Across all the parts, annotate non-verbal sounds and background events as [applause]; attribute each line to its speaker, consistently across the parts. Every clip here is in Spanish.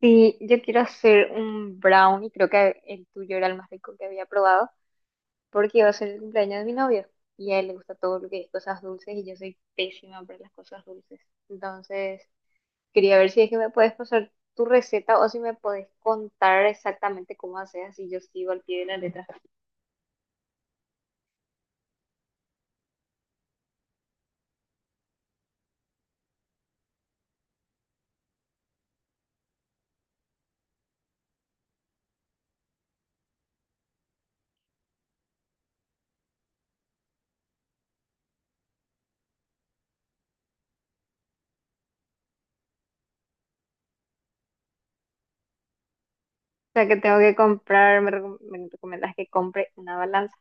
Speaker 1: Sí, yo quiero hacer un brownie, creo que el tuyo era el más rico que había probado, porque iba a ser el cumpleaños de mi novio y a él le gusta todo lo que es cosas dulces y yo soy pésima para las cosas dulces. Entonces, quería ver si es que me puedes pasar tu receta o si me puedes contar exactamente cómo haces, así yo sigo al pie de la letra. O sea, que tengo que comprar, me recomiendas que compre una balanza.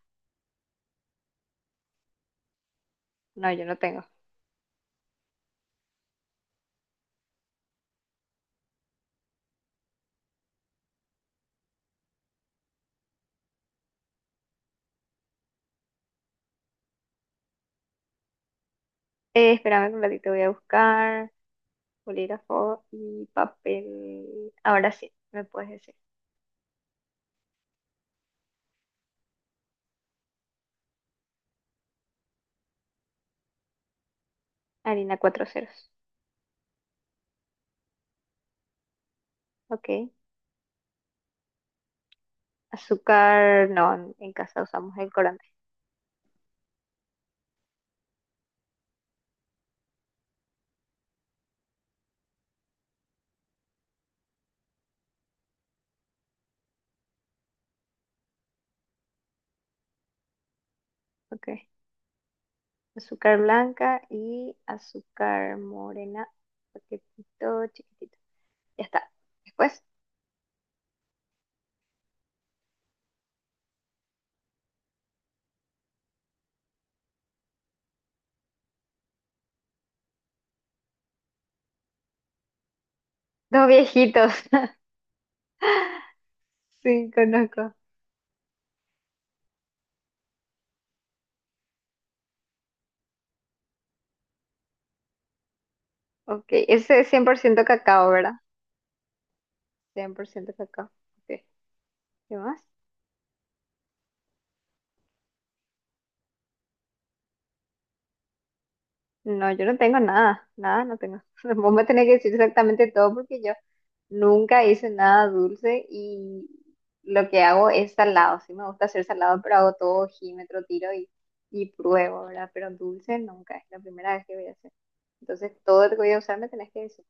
Speaker 1: No, yo no tengo. Espérame un ratito, voy a buscar bolígrafo y papel. Ahora sí, me puedes decir. Harina cuatro ceros. Ok. Azúcar, no, en casa usamos edulcorante. Ok. Azúcar blanca y azúcar morena. Paquetito chiquitito. Ya está. Después, dos viejitos. [laughs] Sí, conozco. Ok. ¿Ese es 100% cacao, verdad? 100% cacao. Ok. ¿Qué más? No, yo no tengo nada, nada, no tengo. [laughs] Vos me tenés que decir exactamente todo porque yo nunca hice nada dulce y lo que hago es salado. Sí, me gusta hacer salado, pero hago todo ojímetro, tiro y pruebo, ¿verdad? Pero dulce nunca, es la primera vez que voy a hacer. Entonces, todo lo que voy a usar me tenés que decir.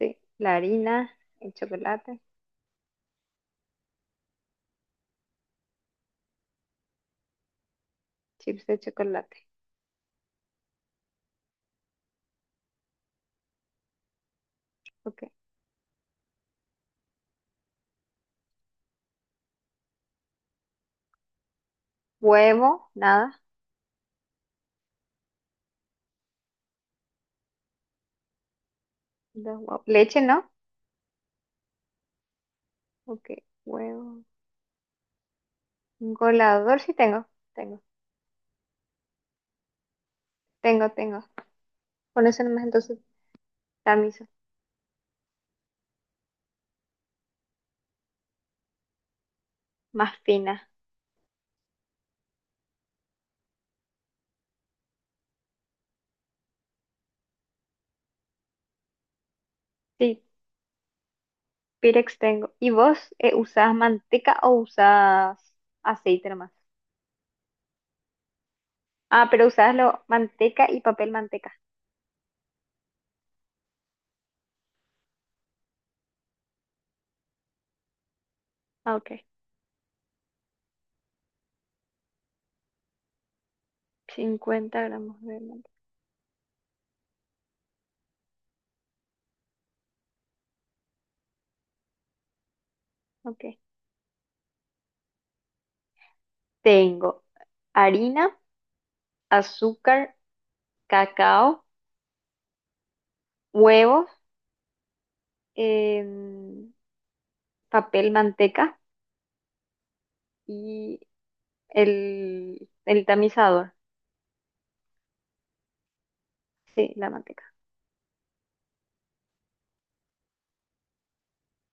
Speaker 1: Sí, la harina, el chocolate, chips de chocolate. Ok. Huevo, nada, dos huevos. Leche, ¿no? Ok, huevo. Un colador sí tengo, tengo, tengo. Con eso nomás entonces camisas más finas. Sí, Pirex tengo. ¿Y vos usás manteca o usás aceite nomás? Ah, pero usás lo, manteca y papel manteca. Ah, ok. 50 gramos de manteca. Ok. Tengo harina, azúcar, cacao, huevos, em, papel manteca y el tamizador. Sí, la manteca.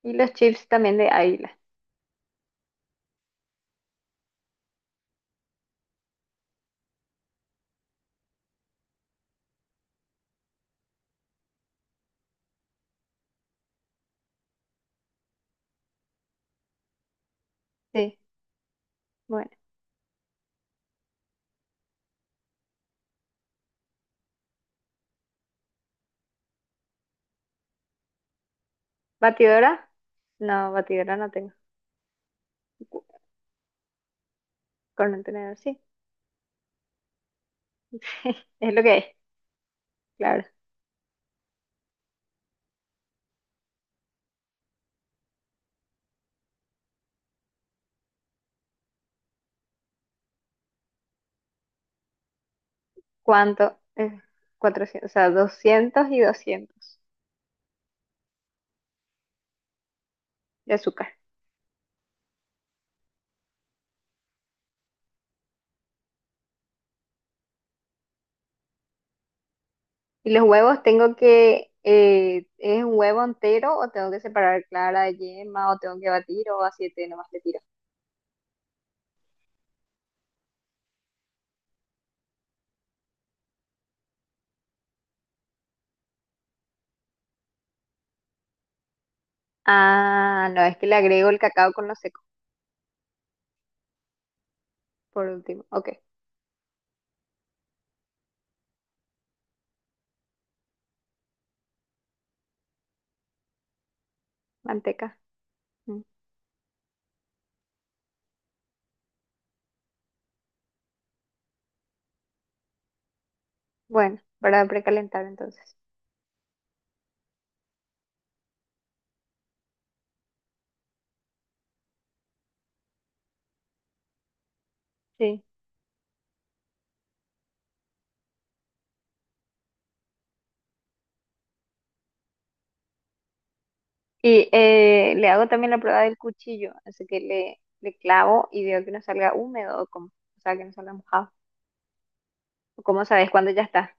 Speaker 1: Y los chips también de Águila. Sí. Bueno. ¿Batidora? No, batidora no tengo. Cu- Con un tenedor, sí. [laughs] Es lo que es, claro. ¿Cuánto? 400, o sea, 200 y 200 de azúcar. ¿Y los huevos tengo que, es un huevo entero o tengo que separar clara de yema o tengo que batir o a siete nomás le tiro? Ah, no, es que le agrego el cacao con lo seco, por último. Ok, manteca. Mm, Bueno, para precalentar entonces. Sí. Y le hago también la prueba del cuchillo, así que le clavo y veo que no salga húmedo, o, como, o sea, que no salga mojado. ¿Cómo sabes cuándo ya está?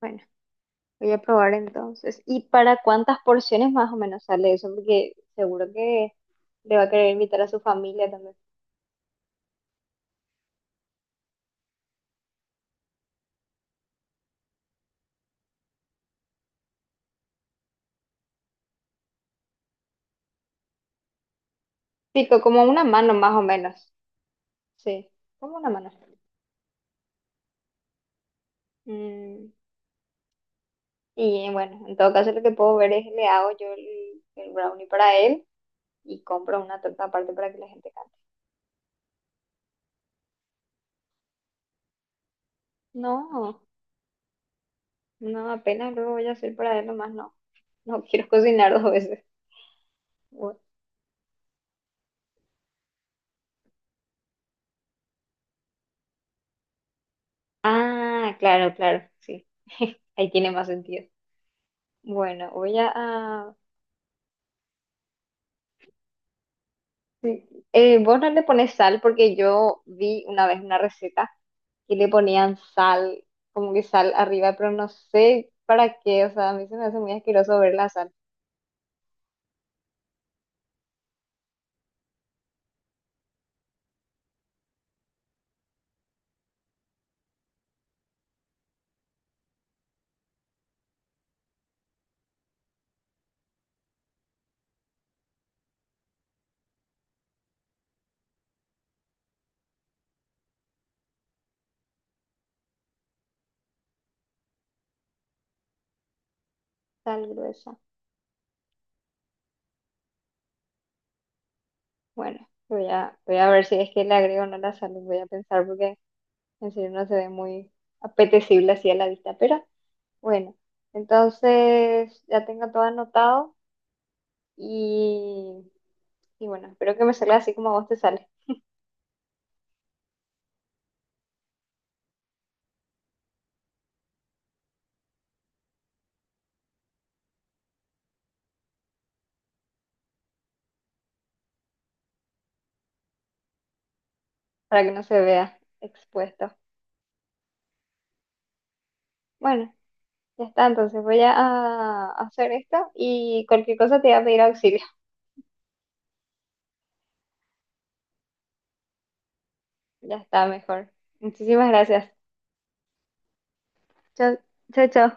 Speaker 1: Bueno, voy a probar entonces. ¿Y para cuántas porciones más o menos sale eso? Porque seguro que le va a querer invitar a su familia también. Pico, como una mano más o menos. Sí, como una mano. Mm, y bueno, en todo caso lo que puedo ver es le hago yo el brownie para él y compro una torta aparte para que la gente cante. No. No, apenas luego voy a hacer para él nomás, no. No quiero cocinar [laughs] dos veces. Bu- Ah, claro, claro, sí. [laughs] Ahí tiene más sentido. Bueno, sí. Vos no le pones sal porque yo vi una vez una receta y le ponían sal, como que sal arriba, pero no sé para qué, o sea, a mí se me hace muy asqueroso ver la sal. Sal gruesa. Bueno, voy a ver si es que le agrego o no la sal, voy a pensar porque en serio no se ve muy apetecible así a la vista, pero... Bueno, entonces ya tengo todo anotado y, y bueno, espero que me salga así como a vos te sale, para que no se vea expuesto. Bueno, ya está, entonces voy a hacer esto y cualquier cosa te voy a pedir auxilio. Ya está, mejor. Muchísimas gracias. Chao, chao.